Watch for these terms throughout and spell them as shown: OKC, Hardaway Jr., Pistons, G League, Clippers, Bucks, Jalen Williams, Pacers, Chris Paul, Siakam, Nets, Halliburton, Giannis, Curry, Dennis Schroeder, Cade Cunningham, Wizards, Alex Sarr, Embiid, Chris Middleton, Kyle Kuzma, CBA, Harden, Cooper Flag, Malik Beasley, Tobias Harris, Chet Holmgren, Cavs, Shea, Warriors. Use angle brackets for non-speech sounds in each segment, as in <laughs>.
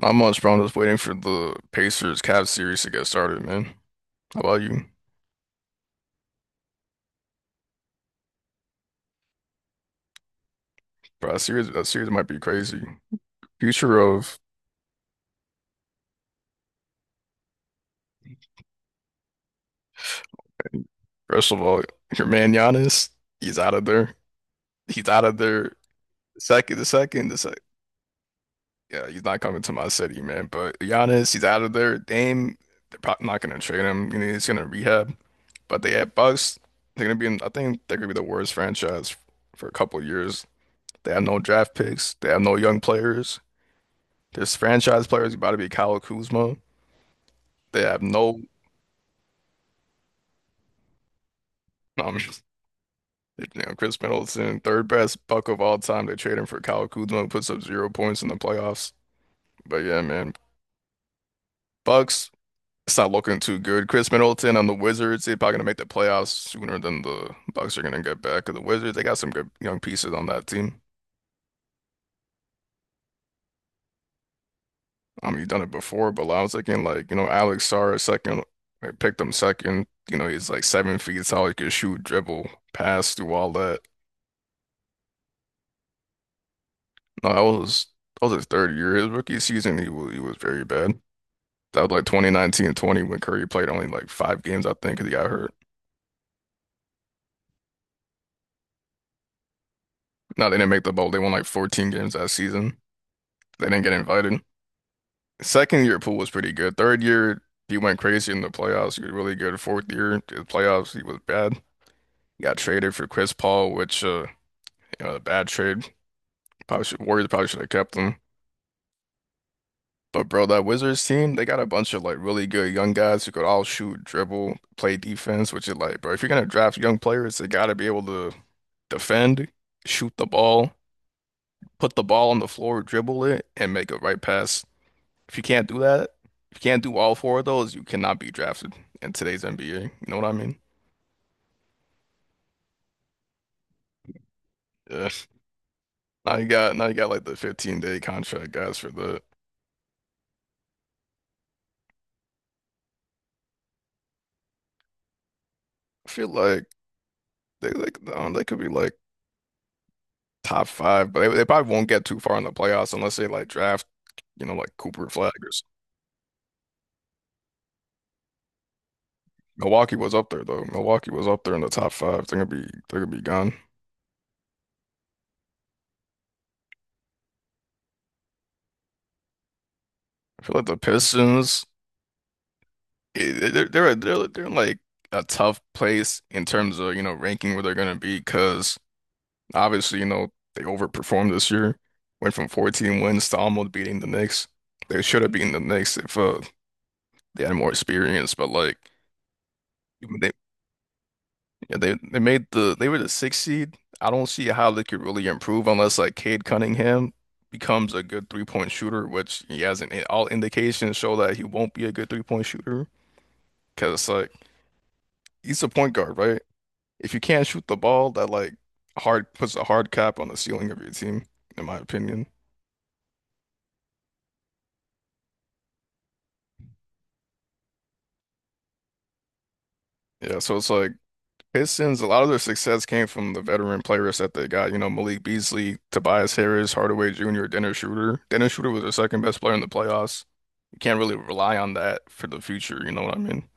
Not much, bro. I'm just waiting for the Pacers Cavs series to get started, man. How about you? Bro, that series might be crazy. Future of, first of all, your man Giannis, he's out of there. He's out of there. Second, the second. Yeah, he's not coming to my city, man. But Giannis, he's out of there. Dame, they're probably not gonna trade him. You know, he's gonna rehab. But they have Bucks. They're gonna be in, I think they're gonna be the worst franchise for a couple years. They have no draft picks. They have no young players. This franchise player is about to be Kyle Kuzma. They have no, um, you know, Chris Middleton, third best buck of all time. They trade him for Kyle Kuzma, puts up 0 points in the playoffs. But yeah, man, Bucks, it's not looking too good. Chris Middleton on the Wizards, they're probably gonna make the playoffs sooner than the Bucks are gonna get back. 'Cause the Wizards, they got some good young pieces on that team. You've done it before, but I was thinking like, you know, Alex Sarr, second, I picked him second. You know, he's like 7 feet tall. He could shoot, dribble, pass, do all that. No, I was his third year. His rookie season, he was very bad. That was like 2019 and 20 when Curry played only like five games, I think, 'cause he got hurt. No, they didn't make the bowl. They won like 14 games that season. They didn't get invited. Second year pool was pretty good. Third year, he went crazy in the playoffs. He was really good. Fourth year, the playoffs, he was bad. He got traded for Chris Paul, which you know, a bad trade. Probably should, Warriors probably should have kept him. But bro, that Wizards team, they got a bunch of like really good young guys who could all shoot, dribble, play defense, which is like, bro, if you're gonna draft young players, they gotta be able to defend, shoot the ball, put the ball on the floor, dribble it, and make a right pass. If you can't do that, if you can't do all four of those, you cannot be drafted in today's NBA. You know what I mean? Yeah. Now you got like the 15-day contract guys for the. I feel like they could be like top five, but they probably won't get too far in the playoffs unless they like draft, you know, like Cooper Flag or something. Milwaukee was up there though. Milwaukee was up there in the top five. They're gonna be gone. I feel like the Pistons, they're in like a tough place in terms of you know ranking where they're gonna be because obviously you know they overperformed this year, went from 14 wins to almost beating the Knicks. They should have beaten the Knicks if they had more experience, but like. Yeah, they made they were the sixth seed. I don't see how they could really improve unless like Cade Cunningham becomes a good three-point shooter, which he hasn't. All indications show that he won't be a good three-point shooter because like he's a point guard, right? If you can't shoot the ball, that like hard puts a hard cap on the ceiling of your team, in my opinion. Yeah, so it's like Pistons. A lot of their success came from the veteran players that they got. You know, Malik Beasley, Tobias Harris, Hardaway Jr., Dennis Schroeder. Dennis Schroeder was their second best player in the playoffs. You can't really rely on that for the future, you know what I mean?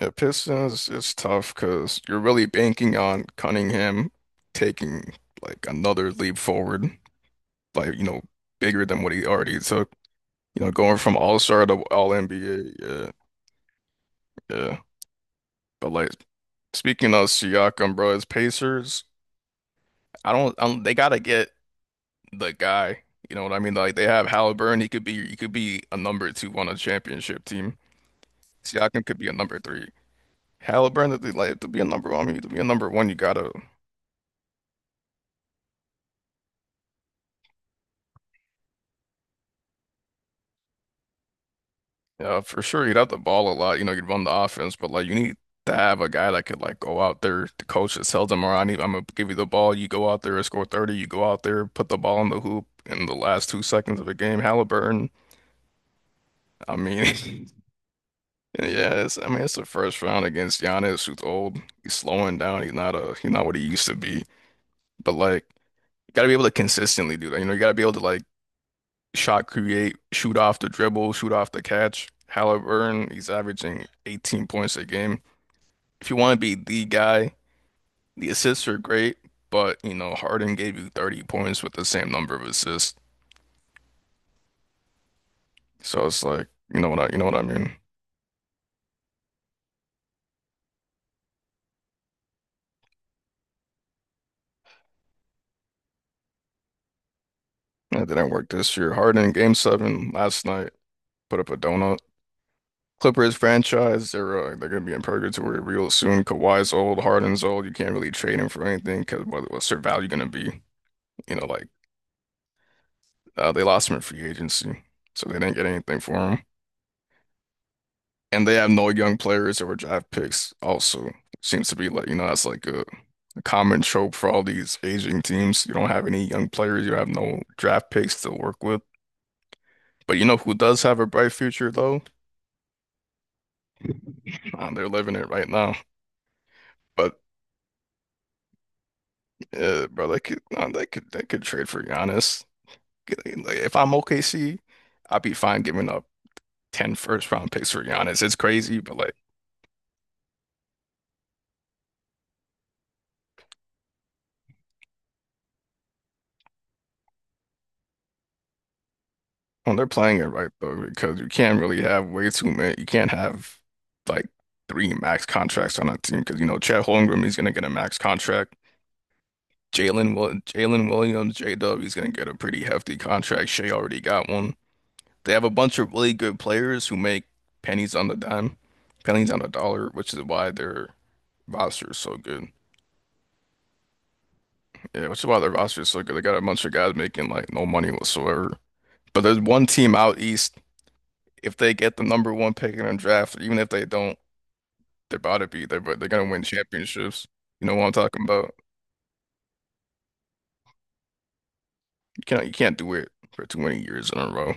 Yeah, Pistons is tough because you're really banking on Cunningham taking like another leap forward, like, you know, bigger than what he already took. You know, going from All-Star to All-NBA, yeah, yeah. But like speaking of Siakam, bro, it's Pacers. I don't they gotta get the guy. You know what I mean? Like they have Halliburton, he could be a number two on a championship team. Siakam could be a number three. Halliburton, that they like to be a number one, I mean, to be a number one, you gotta, for sure, you'd have the ball a lot. You know, you'd run the offense, but like you need to have a guy that could like go out there. The coach that tells them. "All right, I need, I'm gonna give you the ball. You go out there and score 30. You go out there, put the ball in the hoop in the last 2 seconds of a game." Halliburton, I mean, <laughs> yeah, it's, I mean, it's the first round against Giannis, who's old. He's slowing down. He's not what he used to be. But like, you gotta be able to consistently do that. You know, you gotta be able to like shot create, shoot off the dribble, shoot off the catch. Halliburton, he's averaging 18 points a game. If you want to be the guy, the assists are great, but you know, Harden gave you 30 points with the same number of assists. So it's like, you know what I mean? That didn't work this year. Harden game seven last night put up a donut. Clippers franchise, they're gonna be in purgatory real soon. Kawhi's old, Harden's old. You can't really trade him for anything because what's their value gonna be? You know, like. They lost him in free agency, so they didn't get anything for him. And they have no young players or draft picks also. Seems to be like, you know, that's like a common trope for all these aging teams. You don't have any young players, you have no draft picks to work with. But you know who does have a bright future though? They're living it right now. But bro, they could trade for Giannis. Get- Like, if I'm OKC, I'd be fine giving up 10 first round picks for Giannis. It's crazy, but like well, they're playing it right though, because you can't really have way too many. You can't have like three max contracts on a team because you know Chet Holmgren is gonna get a max contract. Jalen Williams, J-Dub, he's gonna get a pretty hefty contract. Shea already got one. They have a bunch of really good players who make pennies on the dime, pennies on the dollar, which is why their roster is so good. Yeah, which is why their roster is so good. They got a bunch of guys making like no money whatsoever. But there's one team out east, if they get the number one pick in the draft, even if they don't, they're about to be there, but they're gonna win championships. You know what I'm talking about? You can't do it for too many years in a row.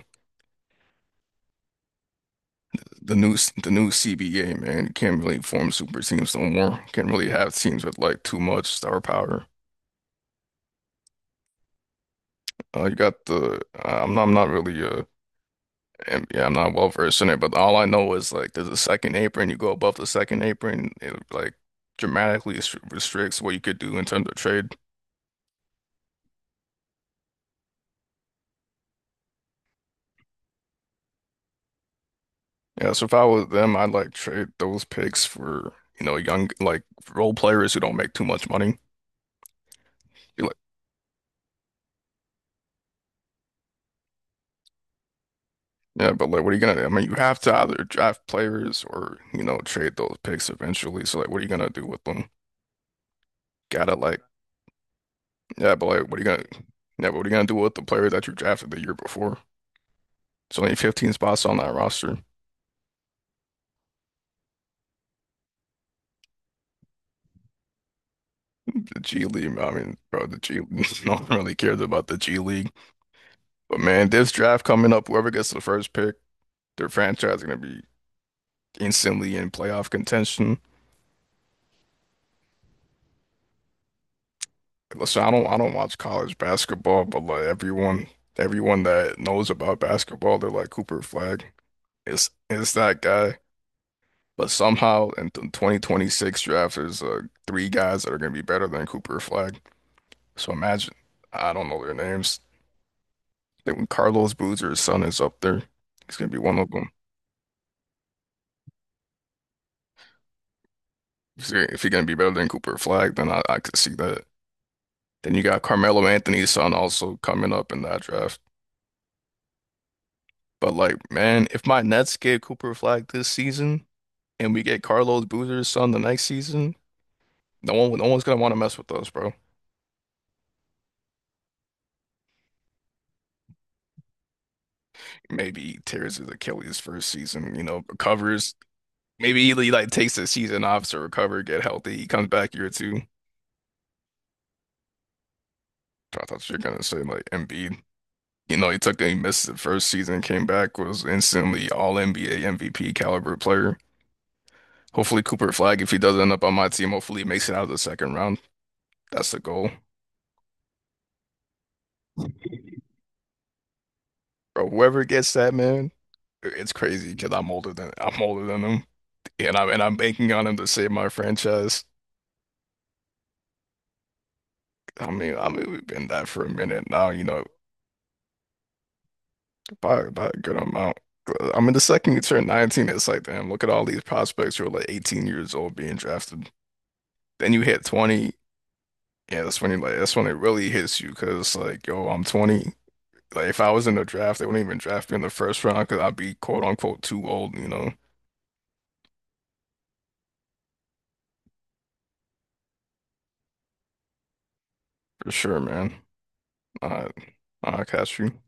The new CBA, man, you can't really form super teams no more. You can't really have teams with like too much star power. You got the uh, I'm not really and yeah, I'm not well versed in it, but all I know is like there's a second apron. You go above the second apron, it like restricts what you could do in terms of trade. Yeah, so if I was them, I'd like trade those picks for, you know, young like role players who don't make too much money. Be like, yeah, but like what are you gonna do? I mean, you have to either draft players or, you know, trade those picks eventually. So like what are you gonna do with them? Gotta like yeah, but like what are you gonna Yeah, but what are you gonna do with the player that you drafted the year before? It's only 15 spots on that roster. The G League, I mean, bro, the G <laughs> no one really cares about the G League. But man, this draft coming up, whoever gets the first pick, their franchise is gonna be instantly in playoff contention. Listen, I don't watch college basketball, but like everyone that knows about basketball, they're like Cooper Flag. It's that guy. But somehow in the 2026 draft, there's three guys that are going to be better than Cooper Flag. So imagine, I don't know their names. I think Carlos Boozer's son is up there. He's going to be one of them. If he's going to be better than Cooper Flag, then I could see that. Then you got Carmelo Anthony's son also coming up in that draft. But like, man, if my Nets get Cooper Flag this season and we get Carlos Boozer's son the next season, no one's gonna want to mess with us, bro. Maybe he tears his Achilles first season, you know, recovers. Maybe he like takes the season off to recover, get healthy. He comes back year two. I thought you were gonna say like Embiid. You know, he missed the first season, came back, was instantly all NBA MVP caliber player. Hopefully Cooper Flag, if he does end up on my team, hopefully he makes it out of the second round. That's the goal. Bro, whoever gets that man, it's crazy because I'm older than him, and I'm banking on him to save my franchise. I mean we've been that for a minute now, you know, by a good amount. I mean, the second you turn 19, it's like, damn, look at all these prospects who are like 18 years old being drafted. Then you hit 20, yeah, that's when you like that's when it really hits you because like, yo, I'm 20. Like if I was in the draft, they wouldn't even draft me in the first round because I'd be quote unquote too old, you know, for sure, man. I I catch you.